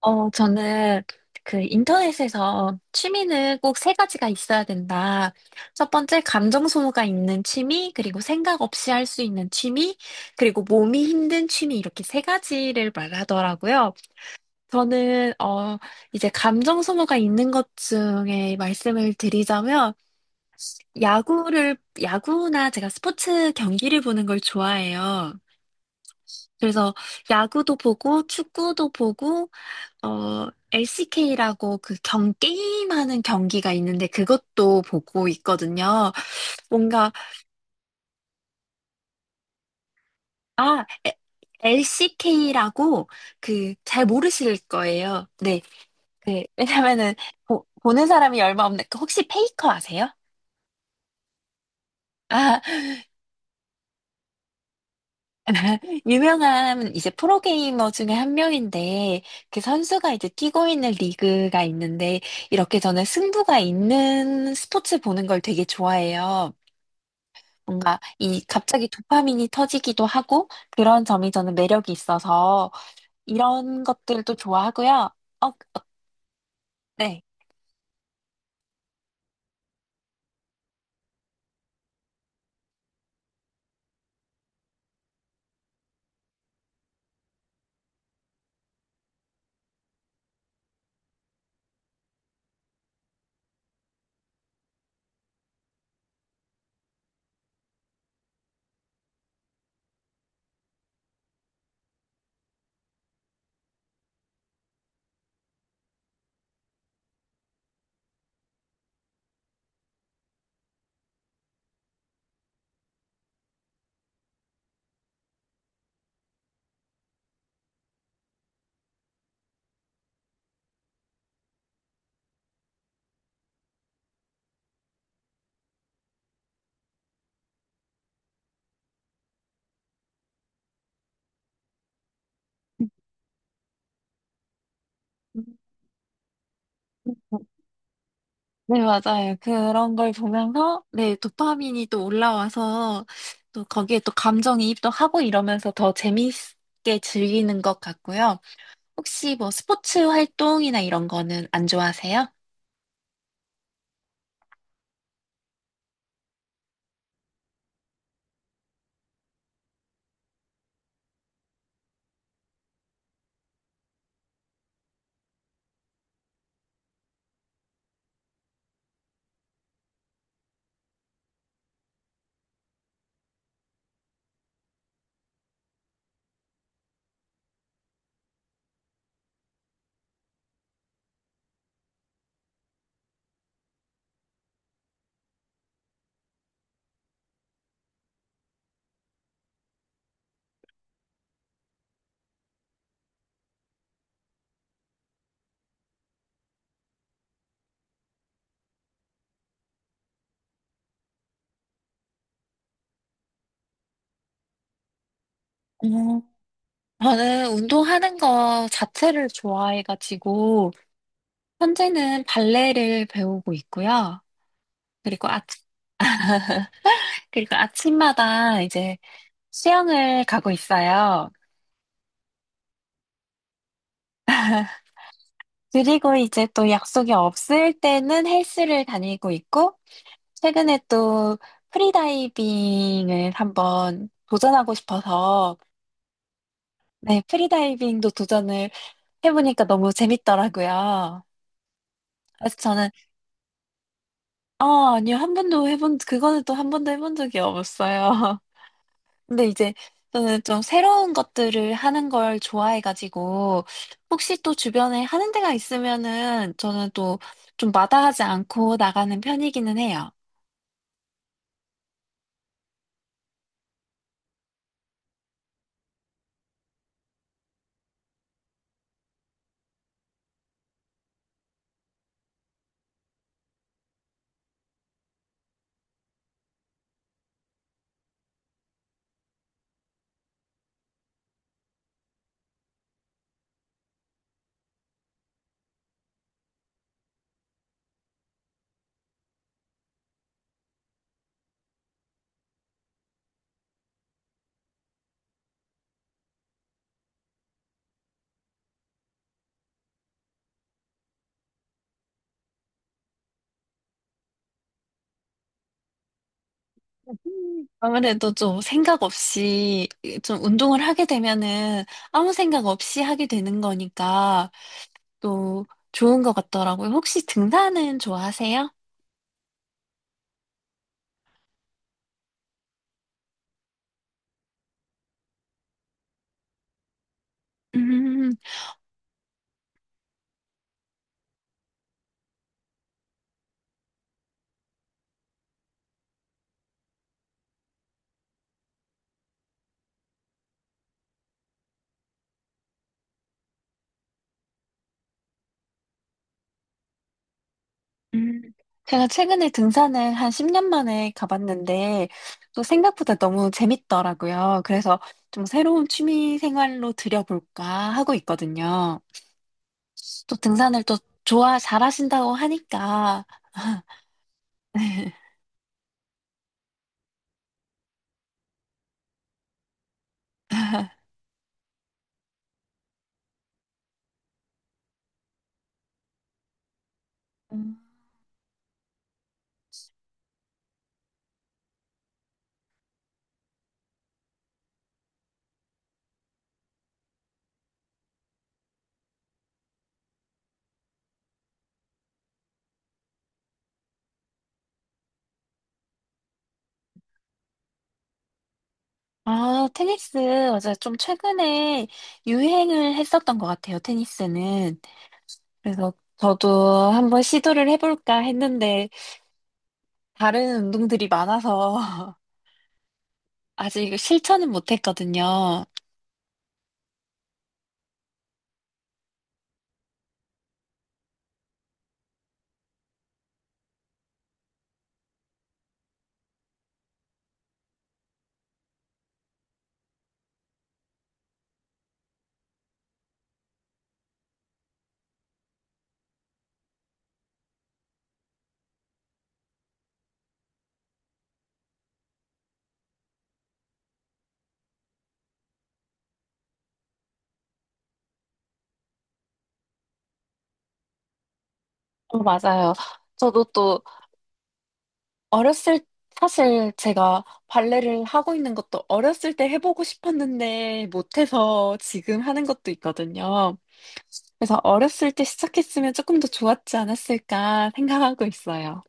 저는 그 인터넷에서 취미는 꼭 세 가지가 있어야 된다. 첫 번째, 감정 소모가 있는 취미, 그리고 생각 없이 할 수 있는 취미, 그리고 몸이 힘든 취미, 이렇게 세 가지를 말하더라고요. 저는, 이제 감정 소모가 있는 것 중에 말씀을 드리자면, 야구를, 야구나 제가 스포츠 경기를 보는 걸 좋아해요. 그래서 야구도 보고, 축구도 보고, LCK라고 게임하는 경기가 있는데 그것도 보고 있거든요. 뭔가, 아, LCK라고 그 잘 모르실 거예요. 네. 그, 왜냐면은 보는 사람이 얼마 없는데 그 혹시 페이커 아세요? 아, 유명한 이제 프로게이머 중에 한 명인데 그 선수가 이제 뛰고 있는 리그가 있는데 이렇게 저는 승부가 있는 스포츠 보는 걸 되게 좋아해요. 뭔가 이 갑자기 도파민이 터지기도 하고 그런 점이 저는 매력이 있어서 이런 것들도 좋아하고요. 어, 네. 음, 음, 음. 네, 맞아요. 그런 걸 보면서 네, 도파민이 또 올라와서 또 거기에 또 감정이입도 하고 이러면서 더 재미있게 즐기는 것 같고요. 혹시 뭐 스포츠 활동이나 이런 거는 안 좋아하세요? 음, 저는 운동하는 거 자체를 좋아해가지고 현재는 발레를 배우고 있고요. 그리고 아, 그리고 아침마다 이제 수영을 가고 있어요. 그리고 이제 또 약속이 없을 때는 헬스를 다니고 있고, 최근에 또 프리다이빙을 한번 도전하고 싶어서, 네, 프리다이빙도 도전을 해보니까 너무 재밌더라고요. 그래서 저는, 아니요, 그거는 또 한 번도 해본 적이 없어요. 근데 이제 저는 좀 새로운 것들을 하는 걸 좋아해가지고 혹시 또 주변에 하는 데가 있으면은 저는 또 좀 마다하지 않고 나가는 편이기는 해요. 아무래도 좀 생각 없이 좀 운동을 하게 되면은 아무 생각 없이 하게 되는 거니까 또 좋은 것 같더라고요. 혹시 등산은 좋아하세요? 음, 음, 제가 최근에 등산을 한 10년 만에 가봤는데, 또 생각보다 너무 재밌더라고요. 그래서 좀 새로운 취미 생활로 들여볼까 하고 있거든요. 또 등산을 또 잘하신다고 하니까. 네. 음. 아, 테니스, 맞아요. 좀 최근에 유행을 했었던 것 같아요, 테니스는. 그래서 저도 한번 시도를 해볼까 했는데, 다른 운동들이 많아서 아직 실천은 못했거든요. 어, 맞아요. 저도 또 어렸을 사실 제가 발레를 하고 있는 것도 어렸을 때 해보고 싶었는데 못해서 지금 하는 것도 있거든요. 그래서 어렸을 때 시작했으면 조금 더 좋았지 않았을까 생각하고 있어요.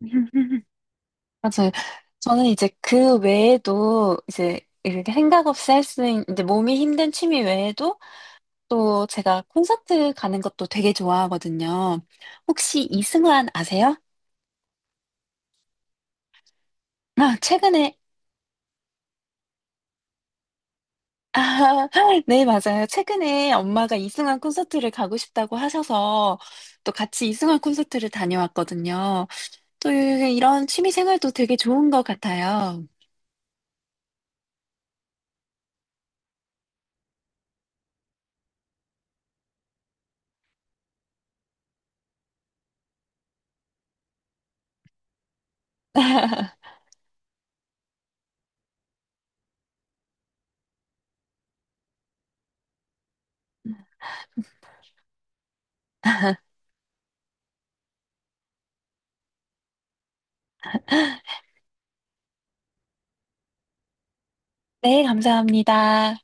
맞아요. 저는 이제 그 외에도 이제 이렇게 생각 없이 할 수 있는 이제 몸이 힘든 취미 외에도 또 제가 콘서트 가는 것도 되게 좋아하거든요. 혹시 이승환 아세요? 아, 최근에, 아, 네, 맞아요. 최근에 엄마가 이승환 콘서트를 가고 싶다고 하셔서 또 같이 이승환 콘서트를 다녀왔거든요. 또 이런 취미 생활도 되게 좋은 것 같아요. 네, 감사합니다.